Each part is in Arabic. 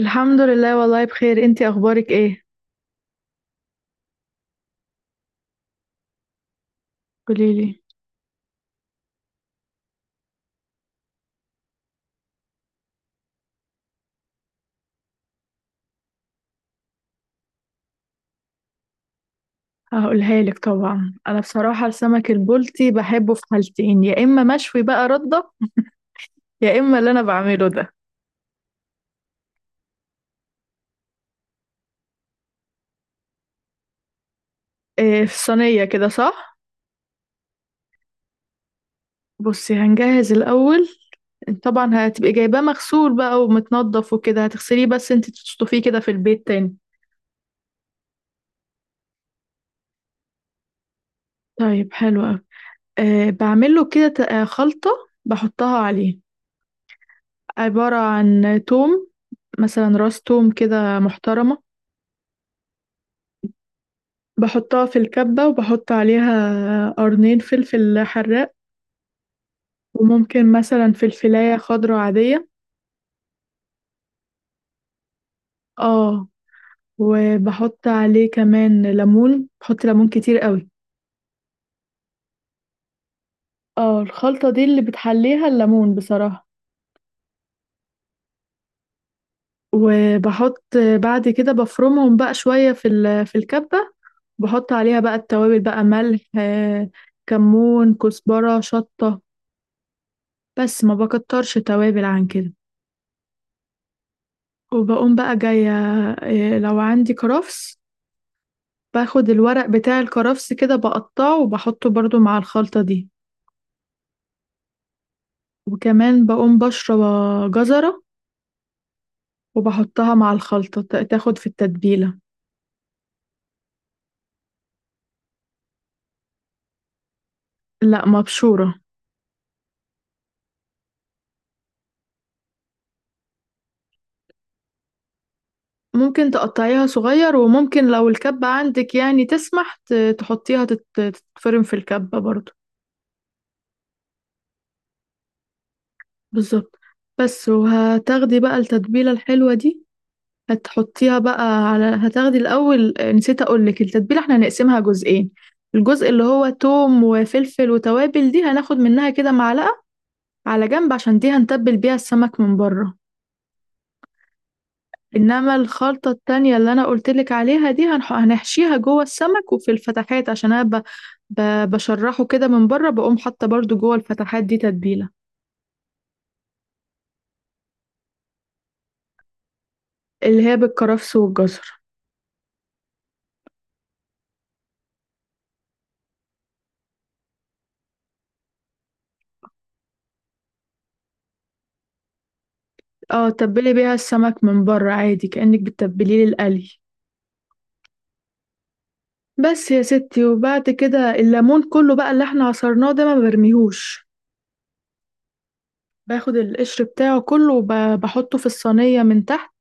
الحمد لله، والله بخير. انتي اخبارك ايه؟ قوليلي. هقولها لك طبعا. انا بصراحه السمك البلطي بحبه في حالتين، يا اما مشوي بقى رده، يا اما اللي انا بعمله ده. إيه، في صينيه كده، صح؟ بصي، هنجهز الاول. طبعا هتبقي جايباه مغسول بقى ومتنضف وكده، هتغسليه بس انتي تشطفيه كده في البيت تاني. طيب، حلو قوي. إيه، بعمله كده خلطه بحطها عليه. عباره عن توم، مثلا راس توم كده محترمه. بحطها في الكبة وبحط عليها قرنين فلفل حراق، وممكن مثلا فلفلاية خضرا عادية. اه. وبحط عليه كمان ليمون، بحط ليمون كتير قوي. اه، الخلطة دي اللي بتحليها الليمون بصراحة. وبحط، بعد كده بفرمهم بقى شوية في في الكبة. بحط عليها بقى التوابل بقى، ملح، كمون، كزبرة، شطة. بس ما بكترش توابل عن كده. وبقوم بقى جاية، لو عندي كرفس، باخد الورق بتاع الكرفس كده، بقطعه وبحطه برضو مع الخلطة دي. وكمان بقوم بشرب جزرة، وبحطها مع الخلطة تاخد في التتبيلة. لا، مبشورة. ممكن تقطعيها صغير، وممكن لو الكبة عندك يعني تسمح، تحطيها تتفرم في الكبة برضو. بالظبط. بس، وهتاخدي بقى التتبيلة الحلوة دي، هتحطيها بقى على، هتاخدي الأول، نسيت أقولك، التتبيلة احنا هنقسمها جزئين. الجزء اللي هو توم وفلفل وتوابل دي هناخد منها كده معلقة على جنب، عشان دي هنتبل بيها السمك من بره. إنما الخلطة التانية اللي أنا قلتلك عليها دي، هنحشيها جوه السمك وفي الفتحات، عشان أنا بشرحه كده من بره، بقوم حاطة برضو جوه الفتحات دي تتبيلة. اللي هي بالكرفس والجزر. اه، تبلي بيها السمك من بره عادي كأنك بتتبليه للقلي. بس يا ستي، وبعد كده الليمون كله بقى اللي احنا عصرناه ده ما برميهوش، باخد القشر بتاعه كله وبحطه في الصينية من تحت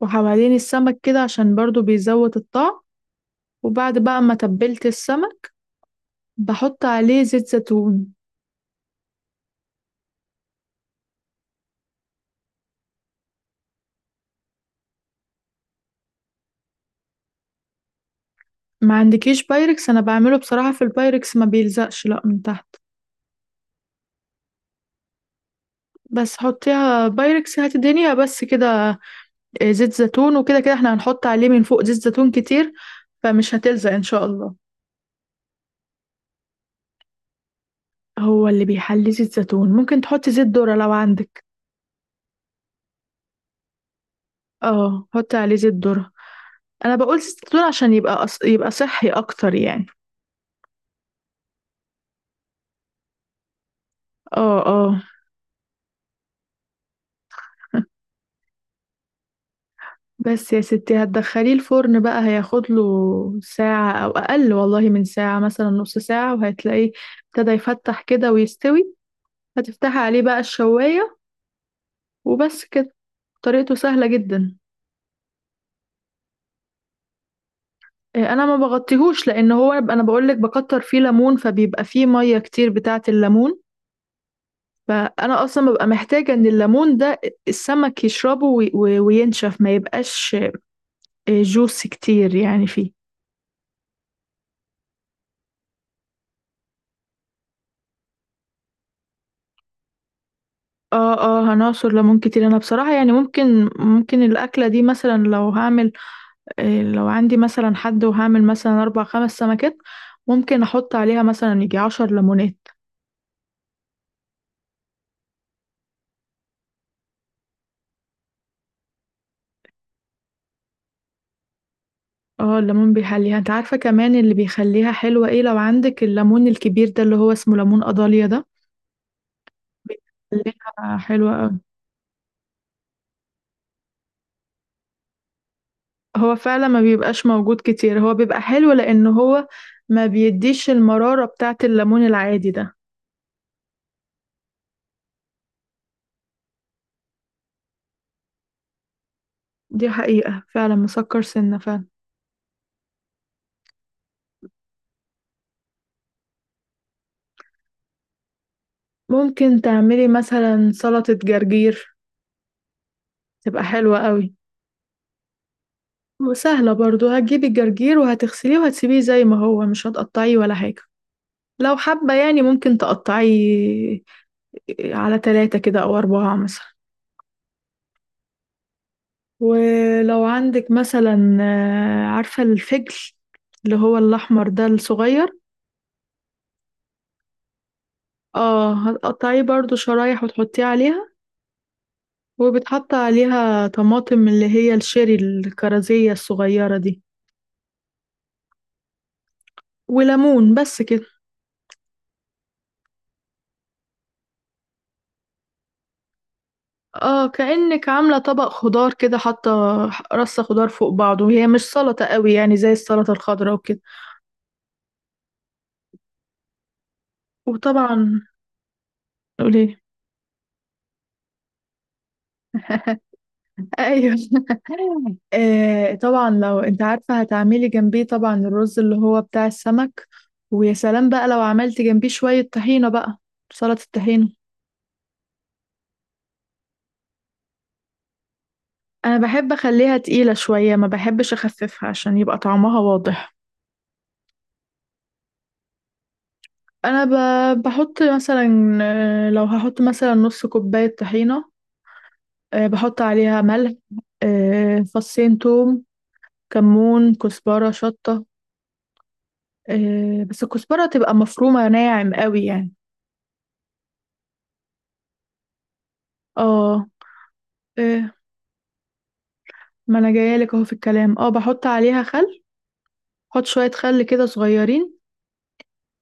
وحوالين السمك كده، عشان برضو بيزود الطعم. وبعد بقى ما تبلت السمك، بحط عليه زيت زيتون. ما عندكيش بايركس؟ انا بعمله بصراحة في البايركس ما بيلزقش لا من تحت. بس حطيها بايركس، هات الدنيا بس كده. زيت زيتون، وكده كده احنا هنحط عليه من فوق زيت زيتون كتير، فمش هتلزق ان شاء الله. هو اللي بيحلي زيت زيتون، ممكن تحطي زيت ذرة لو عندك. اه، حطي عليه زيت ذرة. انا بقول زيت زيتون عشان يبقى يبقى صحي اكتر يعني. اه اه. بس يا ستي، هتدخليه الفرن بقى، هياخد له ساعة او اقل، والله من ساعة مثلا، نص ساعة وهتلاقيه ابتدى يفتح كده ويستوي. هتفتحي عليه بقى الشواية، وبس كده. طريقته سهلة جدا. إيه، انا ما بغطيهوش، لان هو انا بقول لك بكتر فيه ليمون، فبيبقى فيه مية كتير بتاعة الليمون، فانا اصلا ببقى محتاجه ان الليمون ده السمك يشربه وينشف، ما يبقاش جوس كتير يعني فيه. اه اه، هنعصر ليمون كتير. انا بصراحه يعني ممكن الاكله دي، مثلا لو هعمل، لو عندي مثلا حد وهعمل مثلا اربع خمس سمكات، ممكن احط عليها مثلا يجي عشر ليمونات. اه الليمون بيحليها. انت عارفه كمان اللي بيخليها حلوه ايه؟ لو عندك الليمون الكبير ده اللي هو اسمه ليمون قضاليا ده، بيخليها حلوه. هو فعلا ما بيبقاش موجود كتير، هو بيبقى حلو لأن هو ما بيديش المرارة بتاعة الليمون العادي ده. دي حقيقة فعلا، مسكر سنة فعلا. ممكن تعملي مثلا سلطة جرجير، تبقى حلوة قوي وسهلة برضو. هتجيبي الجرجير وهتغسليه وهتسيبيه زي ما هو، مش هتقطعيه ولا حاجة. لو حابة يعني ممكن تقطعيه على تلاتة كده أو أربعة مثلا. ولو عندك مثلا، عارفة الفجل اللي هو الأحمر ده الصغير؟ اه، هتقطعيه برضو شرايح وتحطيه عليها. وبتحط عليها طماطم اللي هي الشيري الكرزية الصغيرة دي، وليمون، بس كده. اه، كأنك عاملة طبق خضار كده، حاطة رصة خضار فوق بعضه، وهي مش سلطة قوي يعني زي السلطة الخضراء وكده. وطبعا قولي. ايوه. طبعا، لو انت عارفة هتعملي جنبيه طبعا الرز اللي هو بتاع السمك. ويا سلام بقى لو عملت جنبيه شوية طحينة بقى، سلطة الطحينة. انا بحب اخليها تقيلة شوية، ما بحبش اخففها عشان يبقى طعمها واضح. انا بحط مثلا، لو هحط مثلا نص كوباية طحينة، بحط عليها ملح، فصين توم، كمون، كزبرة، شطة، بس الكزبرة تبقى مفرومة ناعم قوي يعني. اه. آه، ما انا جايلك اهو في الكلام. اه، بحط عليها خل، بحط شوية خل كده صغيرين.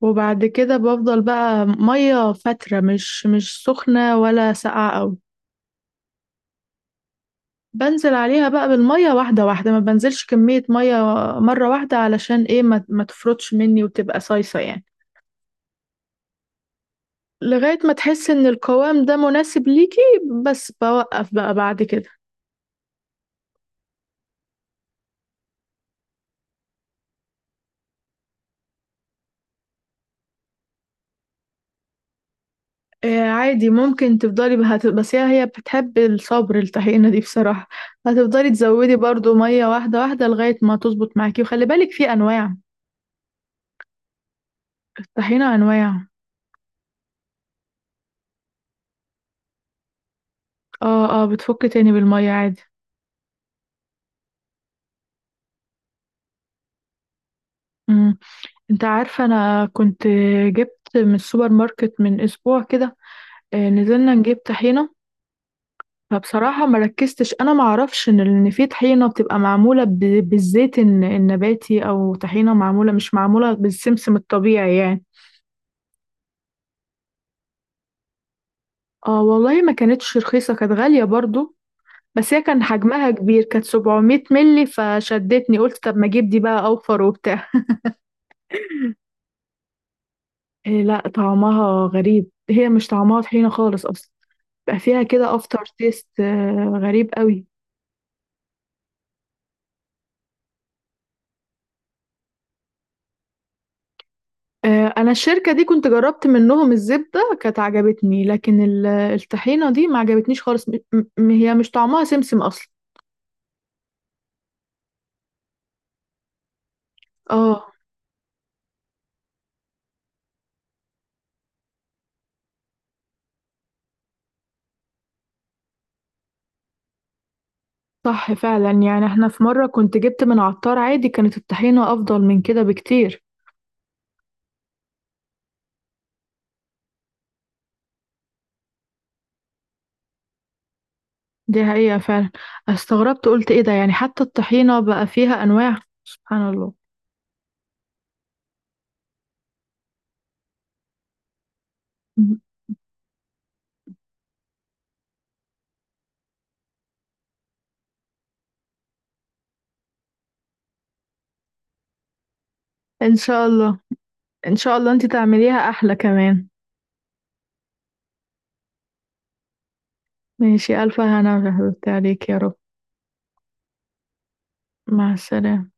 وبعد كده بفضل بقى مية فترة، مش سخنة ولا ساقعة قوي. بنزل عليها بقى بالمية واحدة واحدة، ما بنزلش كمية مية مرة واحدة، علشان ايه؟ ما, ما تفرطش مني وتبقى صيصة يعني. لغاية ما تحس ان القوام ده مناسب ليكي، بس بوقف بقى بعد كده. آه عادي، ممكن تفضلي بها بس، هي بتحب الصبر الطحينة دي بصراحة. هتفضلي تزودي برضو مية واحدة واحدة لغاية ما تظبط معاكي. وخلي بالك في انواع الطحينة انواع. اه اه، بتفك تاني بالمية عادي. مم. انت عارفة، انا كنت جبت من السوبر ماركت من اسبوع كده، نزلنا نجيب طحينة. فبصراحة ما ركزتش، انا ما اعرفش ان في طحينة بتبقى معمولة بالزيت النباتي، او طحينة معمولة، مش معمولة بالسمسم الطبيعي يعني. اه والله ما كانتش رخيصة، كانت غالية برضو. بس هي كان حجمها كبير، كانت 700 ملي فشدتني. قلت طب ما اجيب دي بقى اوفر وبتاع. إيه لا، طعمها غريب، هي مش طعمها طحينة خالص اصلا، بقى فيها كده افتر تيست غريب قوي. انا الشركة دي كنت جربت منهم الزبدة كانت عجبتني، لكن الطحينة دي ما عجبتنيش خالص. هي مش طعمها سمسم اصلا. اه صح فعلا. يعني احنا في مرة كنت جبت من عطار عادي، كانت الطحينة افضل من كده بكتير. دي حقيقة فعلا. استغربت، قلت ايه ده يعني، حتى الطحينة بقى فيها انواع، سبحان الله. مم. ان شاء الله. ان شاء الله انت تعمليها احلى كمان. ماشي، الف هنا عليك يا رب. مع السلامة.